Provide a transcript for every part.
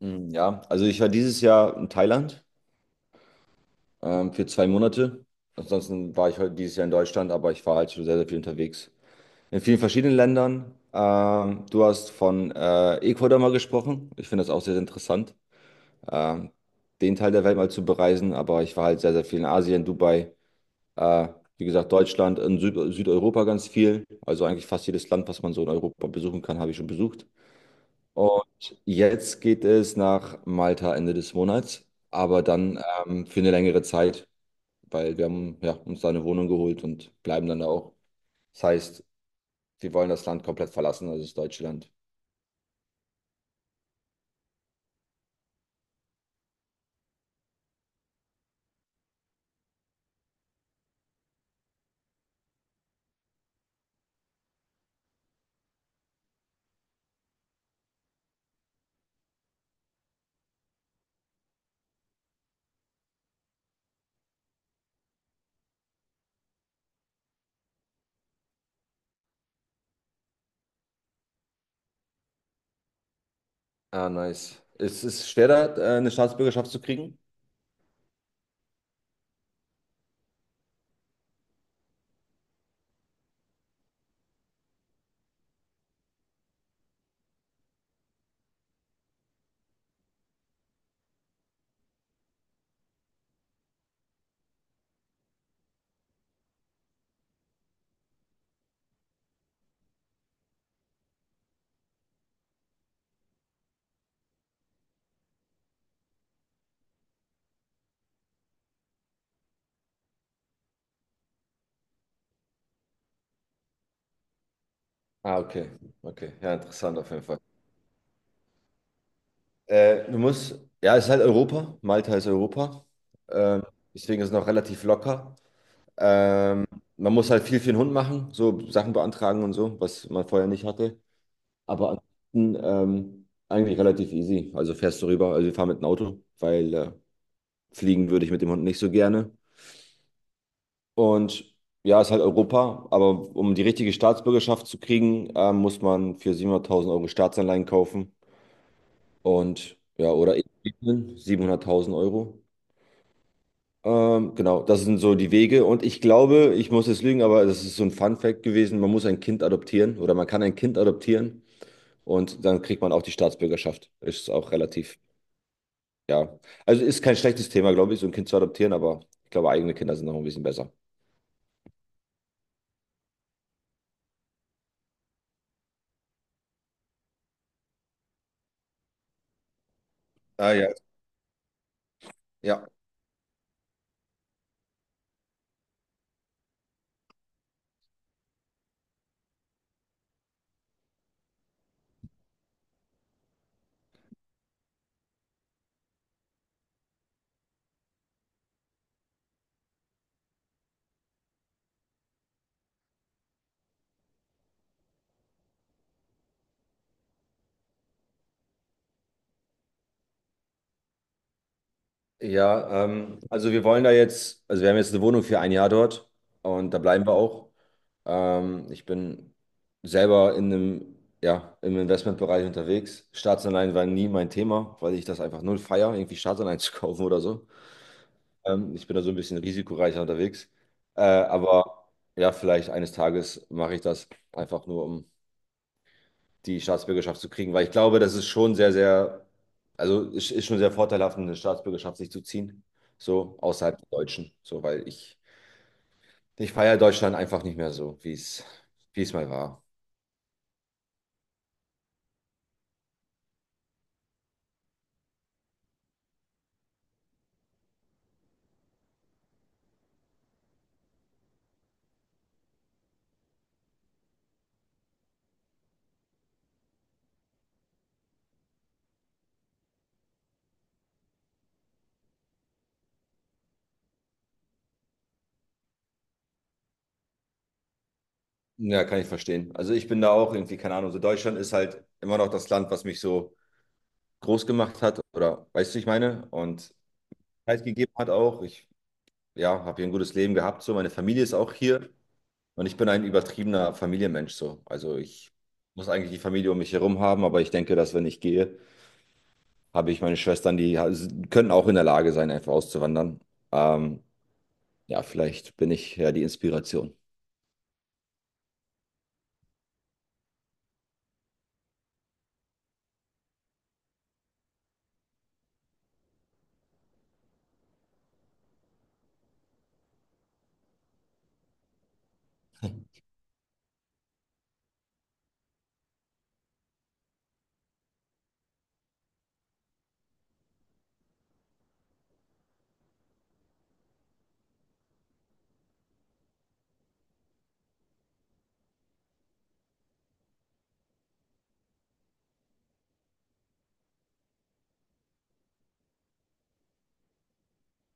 Ja, also ich war dieses Jahr in Thailand für 2 Monate. Ansonsten war ich heute dieses Jahr in Deutschland, aber ich war halt schon sehr, sehr viel unterwegs. In vielen verschiedenen Ländern. Du hast von Ecuador mal gesprochen. Ich finde das auch sehr, sehr interessant, ähm, den Teil der Welt mal zu bereisen. Aber ich war halt sehr, sehr viel in Asien, Dubai, äh, wie gesagt, Deutschland, in Süd Südeuropa ganz viel. Also eigentlich fast jedes Land, was man so in Europa besuchen kann, habe ich schon besucht. Und jetzt geht es nach Malta Ende des Monats, aber dann für eine längere Zeit, weil wir haben ja, uns da eine Wohnung geholt und bleiben dann da auch. Das heißt, wir wollen das Land komplett verlassen, also das deutsche Land. Ah, nice. Ist es schwer, da eine Staatsbürgerschaft zu kriegen? Ah, okay. Okay. Ja, interessant auf jeden Fall. Du musst, ja, es ist halt Europa. Malta ist Europa. Ähm, Deswegen ist es noch relativ locker. Ähm, Man muss halt viel für den Hund machen, so Sachen beantragen und so, was man vorher nicht hatte. Aber ansonsten eigentlich relativ easy. Also fährst du rüber, also wir fahren mit dem Auto, weil fliegen würde ich mit dem Hund nicht so gerne. Und ja, ist halt Europa, aber um die richtige Staatsbürgerschaft zu kriegen, muss man für 700.000 Euro Staatsanleihen kaufen und ja, oder eben 700.000 Euro. Genau, das sind so die Wege und ich glaube, ich muss jetzt lügen, aber das ist so ein Fun Fact gewesen, man muss ein Kind adoptieren oder man kann ein Kind adoptieren und dann kriegt man auch die Staatsbürgerschaft. Ist auch relativ. Ja, also ist kein schlechtes Thema, glaube ich, so ein Kind zu adoptieren, aber ich glaube, eigene Kinder sind noch ein bisschen besser. Ah, ja. Ja, ja, also wir wollen da jetzt, also wir haben jetzt eine Wohnung für 1 Jahr dort und da bleiben wir auch. Ich bin selber in einem, ja, im Investmentbereich unterwegs. Staatsanleihen war nie mein Thema, weil ich das einfach null feiere, irgendwie Staatsanleihen zu kaufen oder so. Ich bin da so ein bisschen risikoreicher unterwegs. Aber ja, vielleicht eines Tages mache ich das einfach nur, um die Staatsbürgerschaft zu kriegen, weil ich glaube, das ist schon sehr, sehr, also es ist schon sehr vorteilhaft, eine Staatsbürgerschaft sich zu ziehen, so außerhalb der Deutschen, so, weil ich feiere Deutschland einfach nicht mehr so, wie es mal war. Ja, kann ich verstehen. Also ich bin da auch irgendwie, keine Ahnung, so Deutschland ist halt immer noch das Land, was mich so groß gemacht hat oder, weißt du, ich meine, und Zeit gegeben hat auch. Ich, ja, habe hier ein gutes Leben gehabt, so, meine Familie ist auch hier. Und ich bin ein übertriebener Familienmensch so. Also ich muss eigentlich die Familie um mich herum haben, aber ich denke, dass wenn ich gehe, habe ich meine Schwestern, können auch in der Lage sein, einfach auszuwandern. Ähm, ja, vielleicht bin ich ja die Inspiration.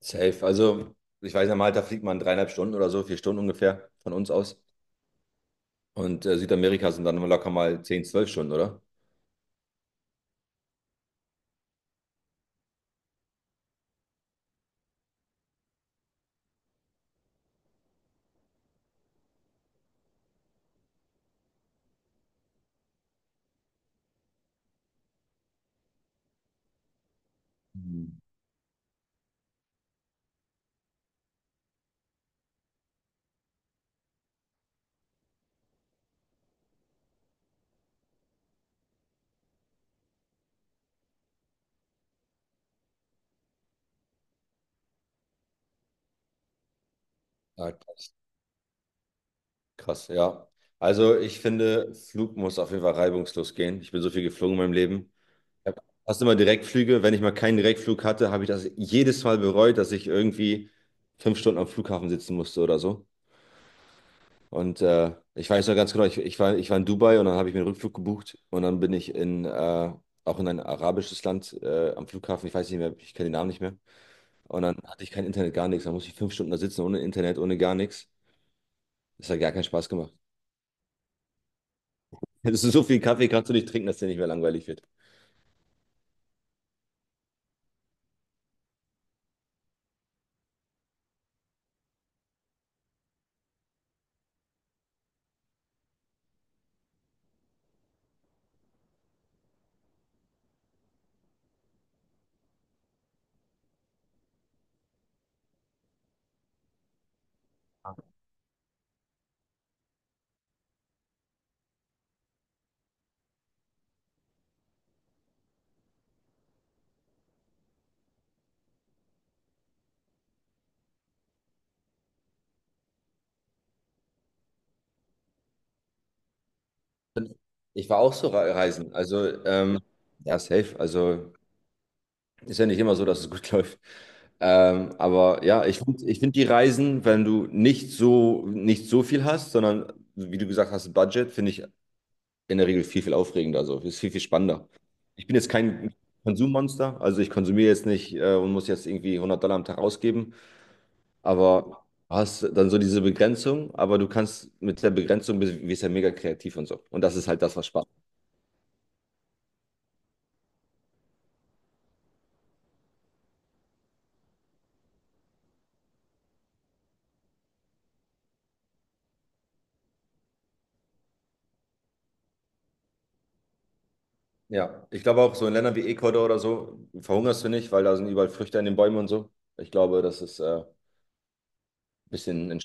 Safe. Also ich weiß, ja, Malta fliegt man 3,5 Stunden oder so, 4 Stunden ungefähr von uns aus. Und Südamerika sind dann locker mal 10, 12 Stunden, oder? Mhm. Ah, krass. Krass, ja. Also ich finde, Flug muss auf jeden Fall reibungslos gehen. Ich bin so viel geflogen in meinem Leben. Ja. Hast du mal Direktflüge? Wenn ich mal keinen Direktflug hatte, habe ich das jedes Mal bereut, dass ich irgendwie 5 Stunden am Flughafen sitzen musste oder so. Und ich weiß noch ganz genau, ich, ich war in Dubai und dann habe ich mir einen Rückflug gebucht und dann bin ich in, auch in ein arabisches Land am Flughafen, ich weiß nicht mehr, ich kenne den Namen nicht mehr. Und dann hatte ich kein Internet, gar nichts. Dann musste ich 5 Stunden da sitzen ohne Internet, ohne gar nichts. Das hat gar keinen Spaß gemacht. Das ist so viel Kaffee kannst du nicht trinken, dass dir nicht mehr langweilig wird. Ich war auch so reisen. Also, ja, safe. Also. Ist ja nicht immer so, dass es gut läuft. Aber ja, ich find die Reisen, wenn du nicht so, nicht so viel hast, sondern wie du gesagt hast, Budget, finde ich in der Regel viel, viel aufregender. Also ist viel, viel spannender. Ich bin jetzt kein Konsummonster, also ich konsumiere jetzt nicht und muss jetzt irgendwie 100 Dollar am Tag ausgeben, aber hast dann so diese Begrenzung, aber du kannst mit der Begrenzung bist ja mega kreativ und so. Und das ist halt das, was Spaß. Ja, ich glaube auch so in Ländern wie Ecuador oder so verhungerst du nicht, weil da sind überall Früchte in den Bäumen und so. Ich glaube, das ist ein bisschen, in,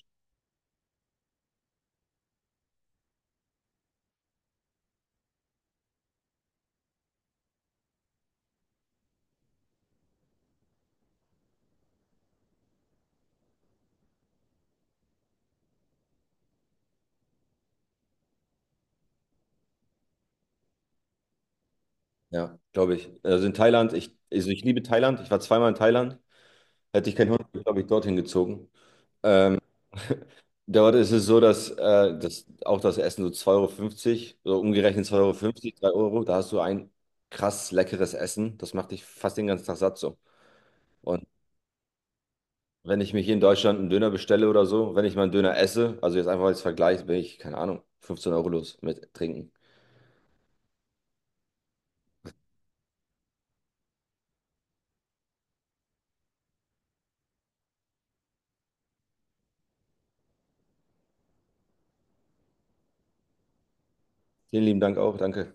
ja, glaube ich. Also in Thailand, ich, also ich liebe Thailand. Ich war zweimal in Thailand. Hätte ich keinen Hund, glaube ich, dorthin gezogen. Dort ist es so, dass, das, auch das Essen so 2,50 € so umgerechnet zwei Euro, fünfzig, drei Euro, da hast du ein krass leckeres Essen. Das macht dich fast den ganzen Tag satt so. Und wenn ich mich hier in Deutschland einen Döner bestelle oder so, wenn ich mal einen Döner esse, also jetzt einfach als Vergleich, bin ich, keine Ahnung, 15 € los mit Trinken. Vielen lieben Dank auch, danke.